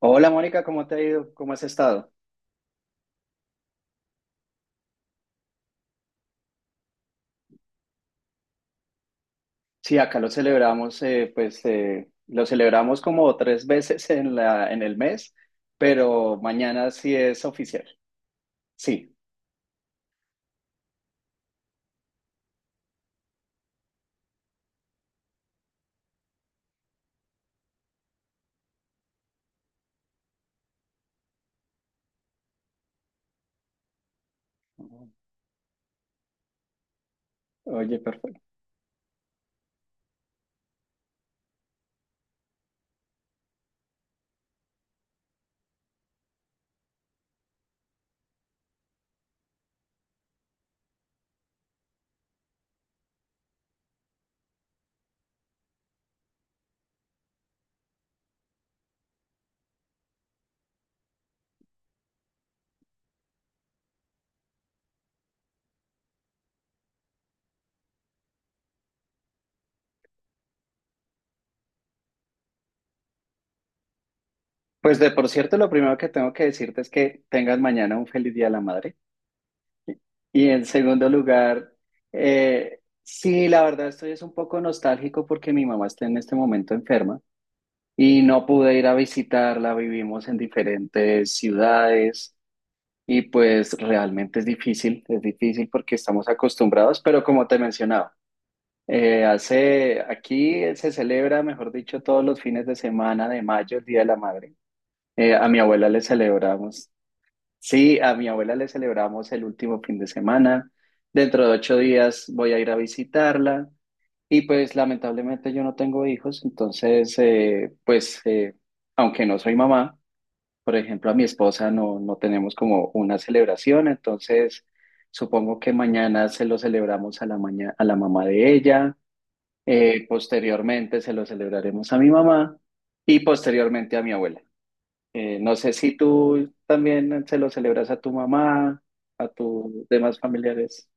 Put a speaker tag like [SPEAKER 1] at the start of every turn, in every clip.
[SPEAKER 1] Hola Mónica, ¿cómo te ha ido? ¿Cómo has estado? Sí, acá lo celebramos, lo celebramos como tres veces en el mes, pero mañana sí es oficial. Sí. Oye, perfecto. Pues de por cierto, lo primero que tengo que decirte es que tengas mañana un feliz Día de la Madre. Y en segundo lugar, sí, la verdad estoy es un poco nostálgico porque mi mamá está en este momento enferma y no pude ir a visitarla, vivimos en diferentes ciudades. Y pues realmente es difícil porque estamos acostumbrados, pero como te mencionaba, aquí se celebra, mejor dicho, todos los fines de semana de mayo, el Día de la Madre. A mi abuela le celebramos, sí, a mi abuela le celebramos el último fin de semana. Dentro de 8 días voy a ir a visitarla y pues lamentablemente yo no tengo hijos, entonces aunque no soy mamá. Por ejemplo, a mi esposa no, no tenemos como una celebración, entonces supongo que mañana se lo celebramos a a la mamá de ella, posteriormente se lo celebraremos a mi mamá y posteriormente a mi abuela. No sé si tú también se lo celebras a tu mamá, a tus demás familiares.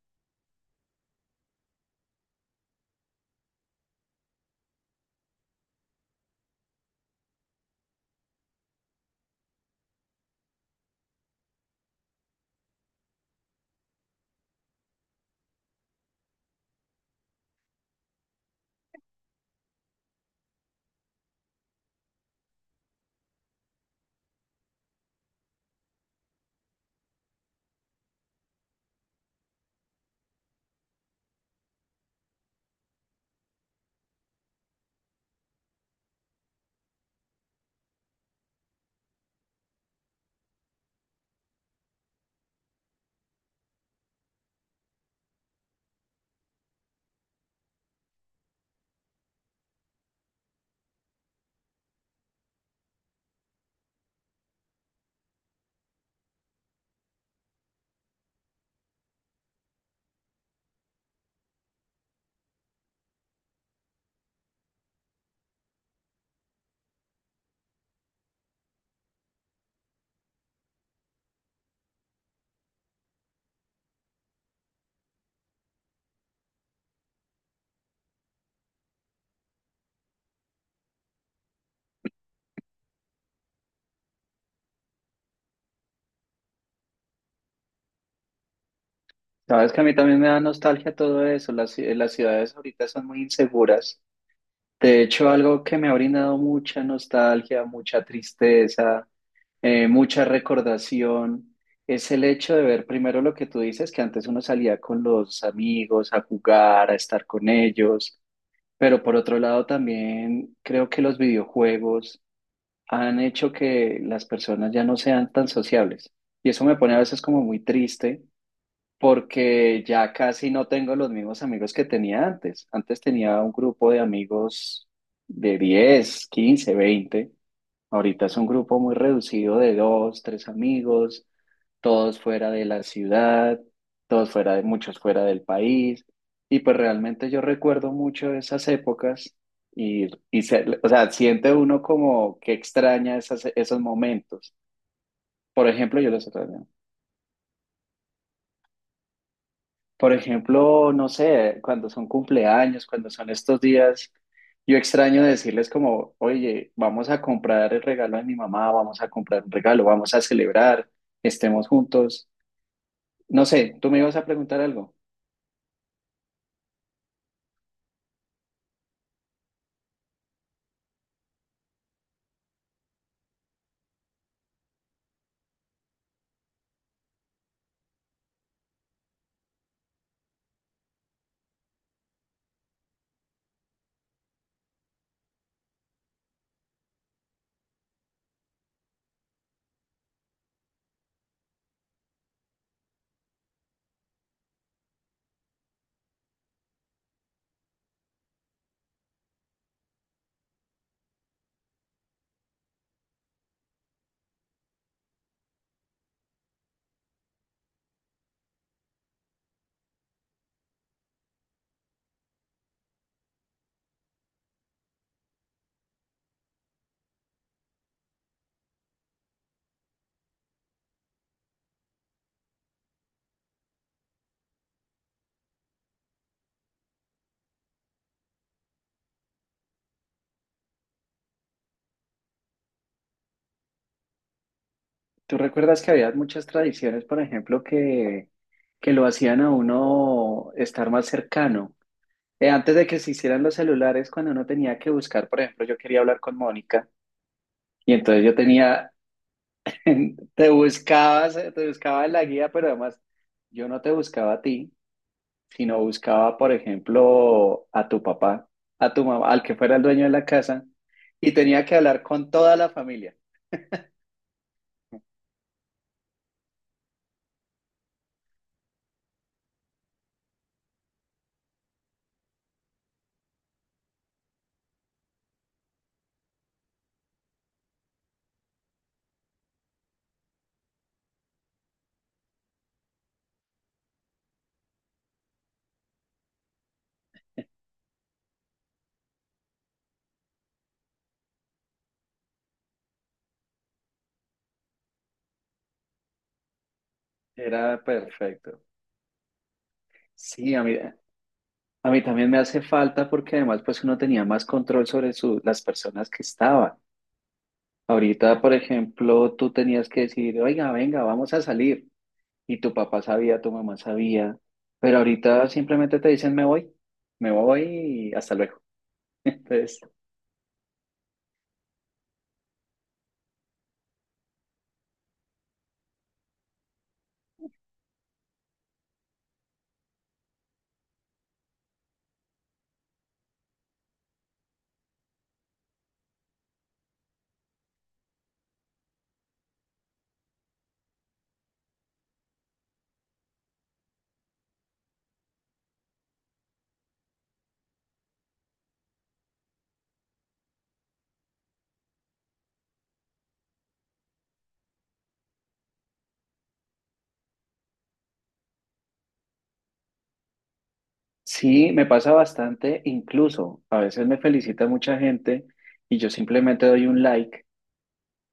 [SPEAKER 1] Sabes que a mí también me da nostalgia todo eso, las ciudades ahorita son muy inseguras. De hecho, algo que me ha brindado mucha nostalgia, mucha tristeza, mucha recordación. Es el hecho de ver primero lo que tú dices, que antes uno salía con los amigos a jugar, a estar con ellos, pero por otro lado también creo que los videojuegos han hecho que las personas ya no sean tan sociables. Y eso me pone a veces como muy triste porque ya casi no tengo los mismos amigos que tenía antes. Antes tenía un grupo de amigos de 10, 15, 20 Ahorita es un grupo muy reducido de dos, tres amigos, todos fuera de la ciudad, todos fuera de muchos fuera del país. Y pues realmente yo recuerdo mucho esas épocas y o sea, siente uno como que extraña esos momentos. Por ejemplo, yo los extraño. Por ejemplo, no sé, cuando son cumpleaños, cuando son estos días, yo extraño decirles como, oye, vamos a comprar el regalo de mi mamá, vamos a comprar un regalo, vamos a celebrar, estemos juntos. No sé, tú me ibas a preguntar algo. ¿Tú recuerdas que había muchas tradiciones, por ejemplo, que lo hacían a uno estar más cercano? Antes de que se hicieran los celulares, cuando uno tenía que buscar, por ejemplo, yo quería hablar con Mónica y entonces yo tenía. Te buscabas la guía, pero además yo no te buscaba a ti, sino buscaba, por ejemplo, a tu papá, a tu mamá, al que fuera el dueño de la casa, y tenía que hablar con toda la familia. Era perfecto. Sí, a mí también me hace falta porque además pues uno tenía más control sobre las personas que estaban. Ahorita, por ejemplo, tú tenías que decir, oiga, venga, vamos a salir. Y tu papá sabía, tu mamá sabía, pero ahorita simplemente te dicen me voy y hasta luego. Entonces, sí, me pasa bastante, incluso a veces me felicita mucha gente y yo simplemente doy un like,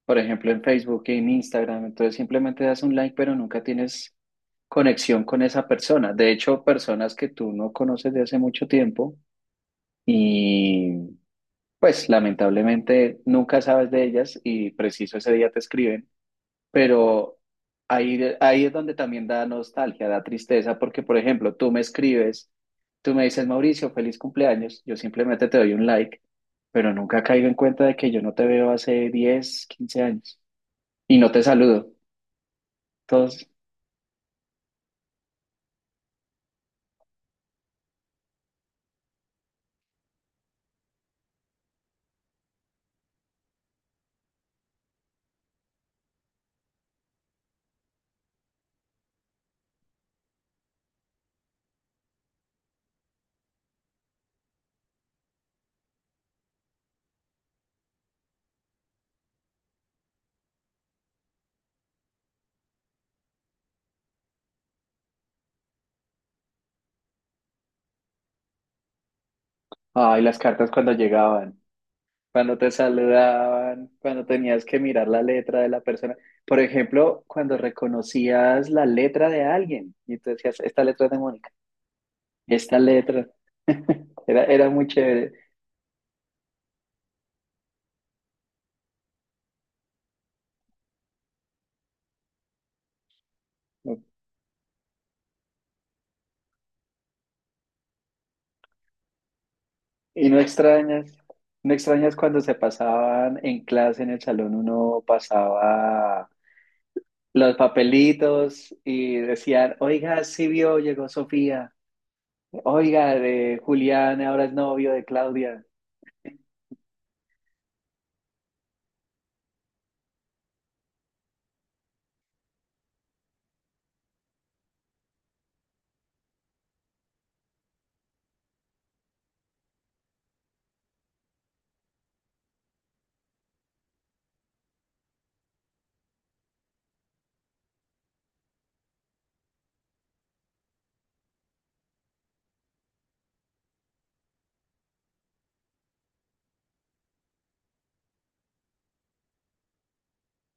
[SPEAKER 1] por ejemplo en Facebook y en Instagram, entonces simplemente das un like, pero nunca tienes conexión con esa persona. De hecho, personas que tú no conoces de hace mucho tiempo y pues lamentablemente nunca sabes de ellas y preciso ese día te escriben, pero ahí es donde también da nostalgia, da tristeza, porque, por ejemplo, tú me escribes, tú me dices, Mauricio, feliz cumpleaños, yo simplemente te doy un like, pero nunca caigo en cuenta de que yo no te veo hace 10, 15 años y no te saludo. Entonces, ay, las cartas cuando llegaban, cuando te saludaban, cuando tenías que mirar la letra de la persona. Por ejemplo, cuando reconocías la letra de alguien y tú decías, esta letra es de Mónica, esta letra. Era muy chévere. No. Y no extrañas cuando se pasaban en clase, en el salón, uno pasaba los papelitos y decían, oiga, sí vio, llegó Sofía, oiga, de Julián ahora es novio de Claudia.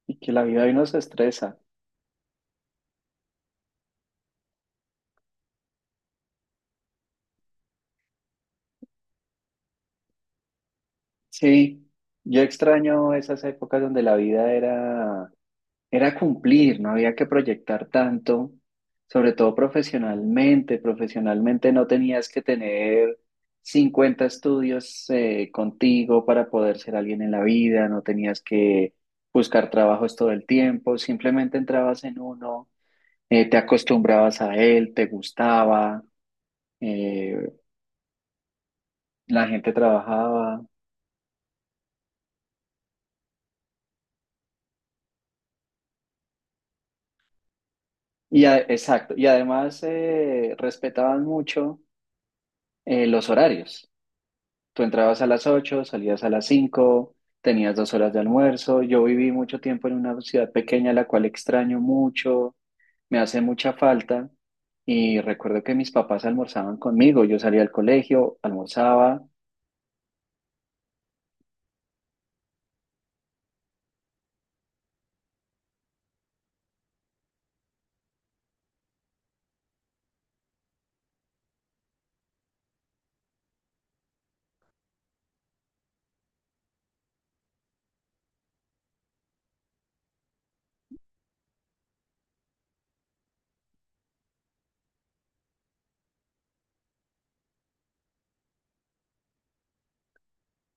[SPEAKER 1] Y que la vida hoy nos estresa. Sí, yo extraño esas épocas donde la vida era cumplir, no había que proyectar tanto, sobre todo profesionalmente. Profesionalmente no tenías que tener 50 estudios, contigo para poder ser alguien en la vida, no tenías que buscar trabajos todo el tiempo, simplemente entrabas en uno, te acostumbrabas a él, te gustaba, eh, la gente trabajaba. Exacto, y además respetaban mucho, los horarios. Tú entrabas a las 8, salías a las 5, tenías 2 horas de almuerzo. Yo viví mucho tiempo en una ciudad pequeña, la cual extraño mucho, me hace mucha falta. Y recuerdo que mis papás almorzaban conmigo. Yo salía al colegio, almorzaba.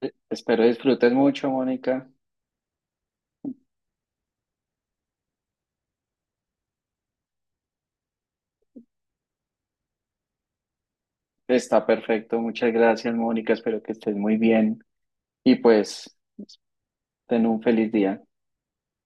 [SPEAKER 1] Espero disfrutes mucho, Mónica. Está perfecto. Muchas gracias, Mónica. Espero que estés muy bien. Y pues, ten un feliz día.